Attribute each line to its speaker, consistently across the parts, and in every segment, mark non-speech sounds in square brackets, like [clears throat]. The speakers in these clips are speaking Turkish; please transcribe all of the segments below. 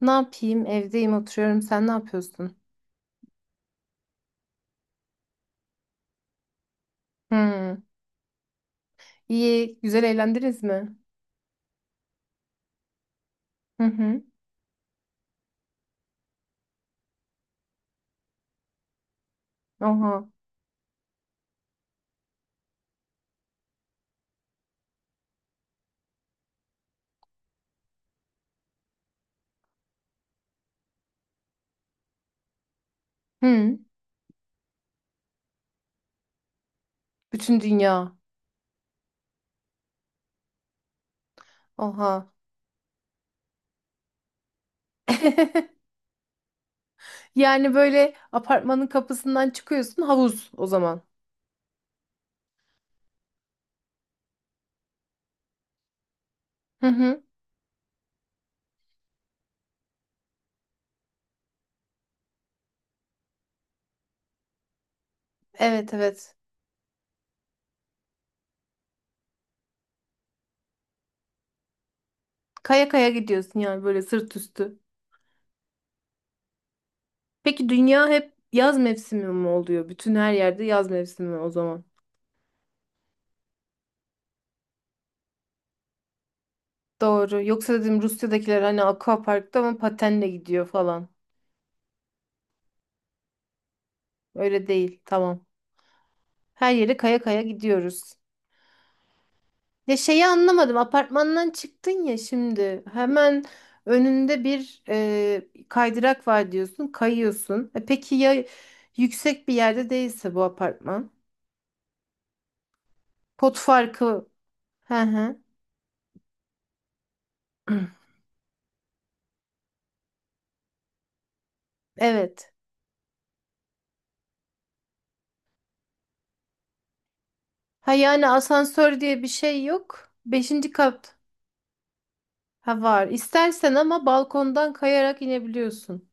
Speaker 1: Ne yapayım? Evdeyim, oturuyorum. Sen ne yapıyorsun? Hı. İyi, güzel eğlendiniz mi? Hı hı. Oha. Hı. Bütün dünya. Oha. [laughs] Yani böyle apartmanın kapısından çıkıyorsun havuz o zaman. Hı hı. Evet evet. Kaya kaya gidiyorsun yani böyle sırt üstü. Peki dünya hep yaz mevsimi mi oluyor? Bütün her yerde yaz mevsimi o zaman. Doğru. Yoksa dedim Rusya'dakiler hani aquaparkta ama patenle gidiyor falan. Öyle değil. Tamam. Her yere kaya kaya gidiyoruz. Ya şeyi anlamadım. Apartmandan çıktın ya şimdi. Hemen önünde bir kaydırak var diyorsun. Kayıyorsun. E peki ya yüksek bir yerde değilse bu apartman? Pot farkı. Hı hı. [clears throat] Evet. Ha yani asansör diye bir şey yok. Beşinci kat. Ha var. İstersen ama balkondan kayarak inebiliyorsun.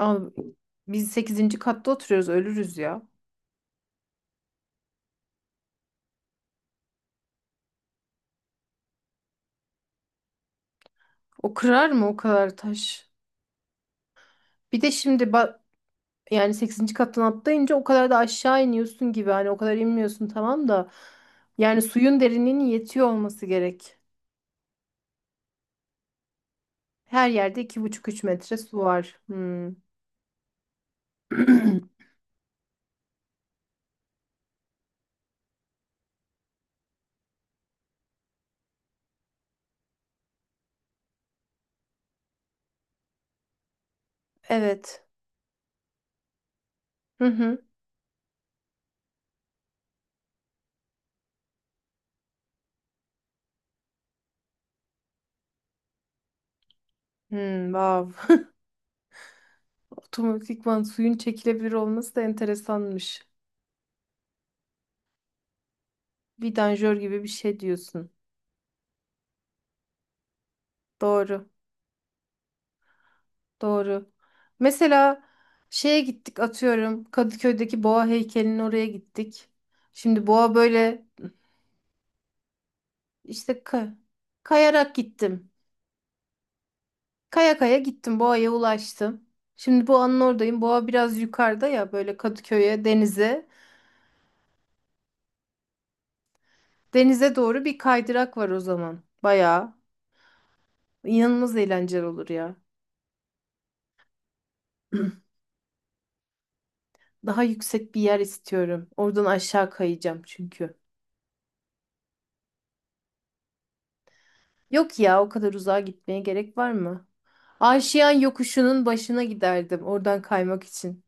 Speaker 1: Abi, biz sekizinci katta oturuyoruz. Ölürüz ya. O kırar mı o kadar taş? Bir de şimdi ba- Yani sekizinci kattan atlayınca o kadar da aşağı iniyorsun gibi hani o kadar inmiyorsun tamam da yani suyun derinliğinin yetiyor olması gerek. Her yerde 2,5-3 metre su var. Hmm. [clears throat] Evet. Hı hı. Hmm, wow. [laughs] Otomatikman suyun çekilebilir olması da enteresanmış. Vidanjör gibi bir şey diyorsun. Doğru. Doğru. Mesela şeye gittik atıyorum Kadıköy'deki boğa heykelinin oraya gittik. Şimdi boğa böyle İşte ka- kayarak gittim. Kaya kaya gittim. Boğa'ya ulaştım. Şimdi Boğa'nın oradayım. Boğa biraz yukarıda ya böyle Kadıköy'e, denize. Denize doğru bir kaydırak var o zaman. Bayağı inanılmaz eğlenceli olur ya. Daha yüksek bir yer istiyorum. Oradan aşağı kayacağım çünkü. Yok ya o kadar uzağa gitmeye gerek var mı? Aşiyan yokuşunun başına giderdim oradan kaymak için.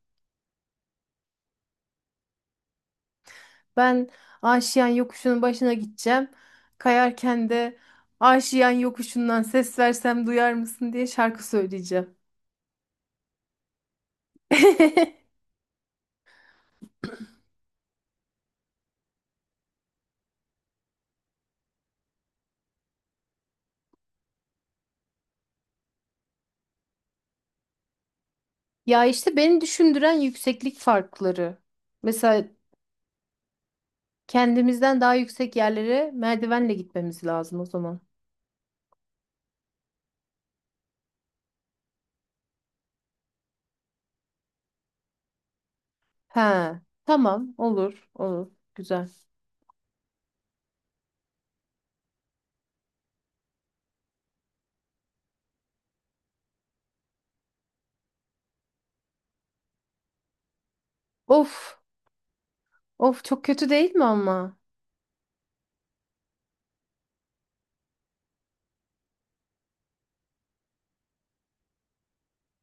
Speaker 1: Ben Aşiyan yokuşunun başına gideceğim. Kayarken de Aşiyan yokuşundan ses versem duyar mısın diye şarkı söyleyeceğim. [laughs] Ya işte beni düşündüren yükseklik farkları. Mesela kendimizden daha yüksek yerlere merdivenle gitmemiz lazım o zaman. He, tamam olur olur güzel. Of of çok kötü değil mi ama?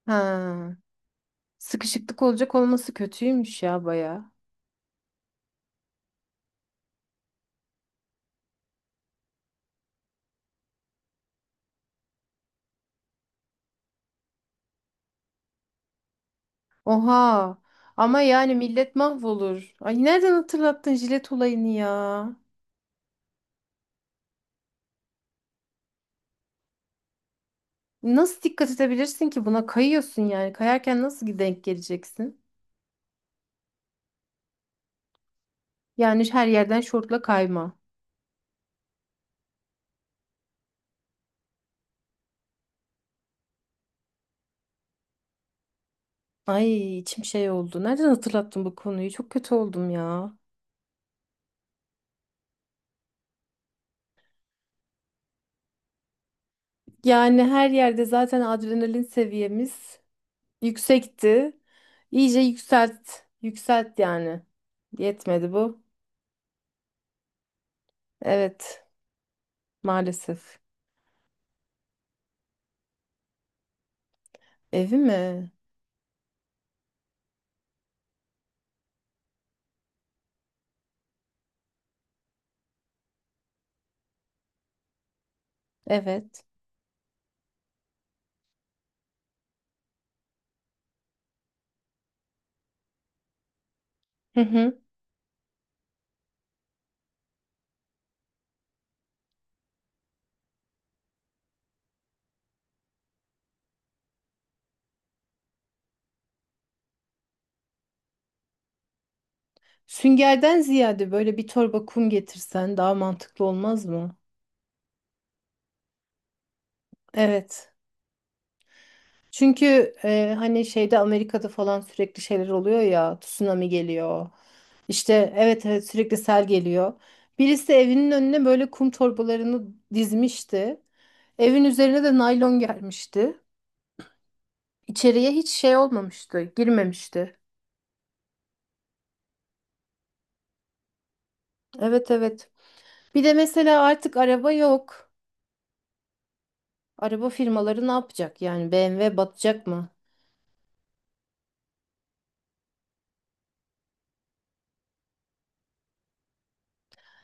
Speaker 1: Ha, sıkışıklık olacak olması kötüymüş ya baya. Oha. Ama yani millet mahvolur. Ay nereden hatırlattın jilet olayını ya? Nasıl dikkat edebilirsin ki buna kayıyorsun yani? Kayarken nasıl denk geleceksin? Yani her yerden şortla kayma. Ay içim şey oldu. Nereden hatırlattın bu konuyu? Çok kötü oldum ya. Yani her yerde zaten adrenalin seviyemiz yüksekti. İyice yükselt. Yükselt yani. Yetmedi bu. Evet, maalesef. Evi mi? Evet. Hı hı. Süngerden ziyade böyle bir torba kum getirsen daha mantıklı olmaz mı? Evet. Çünkü hani şeyde Amerika'da falan sürekli şeyler oluyor ya, tsunami geliyor. İşte evet evet sürekli sel geliyor. Birisi evinin önüne böyle kum torbalarını dizmişti. Evin üzerine de naylon gelmişti. İçeriye hiç şey olmamıştı, girmemişti. Evet evet. Bir de mesela artık araba yok. Araba firmaları ne yapacak? Yani BMW batacak mı?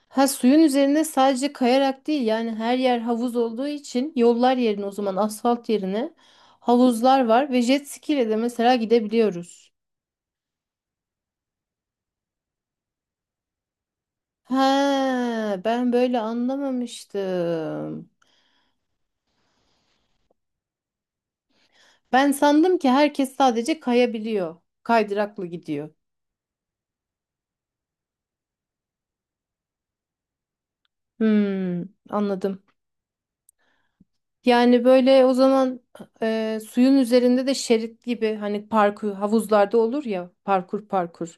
Speaker 1: Ha suyun üzerinde sadece kayarak değil yani her yer havuz olduğu için yollar yerine o zaman asfalt yerine havuzlar var ve jet ski ile de mesela gidebiliyoruz. Ha ben böyle anlamamıştım. Ben sandım ki herkes sadece kayabiliyor. Kaydıraklı gidiyor. Hmm, anladım. Yani böyle o zaman suyun üzerinde de şerit gibi hani parkur havuzlarda olur ya parkur parkur.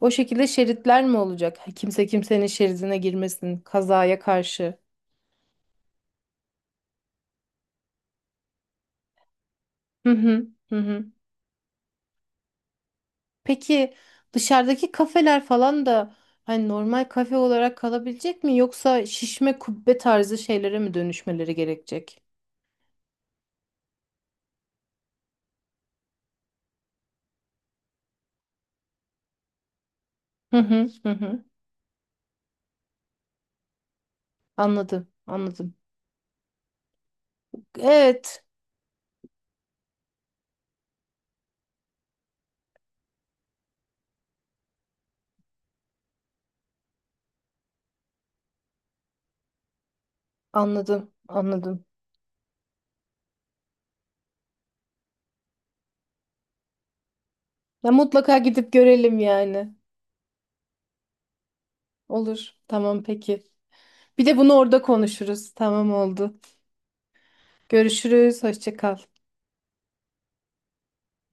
Speaker 1: O şekilde şeritler mi olacak? Kimse kimsenin şeridine girmesin kazaya karşı. Hı hı hı hı. Peki dışarıdaki kafeler falan da hani normal kafe olarak kalabilecek mi yoksa şişme kubbe tarzı şeylere mi dönüşmeleri gerekecek? Hı hı hı hı. Anladım, anladım. Evet, anladım, anladım. Ya mutlaka gidip görelim yani. Olur. Tamam peki. Bir de bunu orada konuşuruz. Tamam oldu. Görüşürüz. Hoşça kal.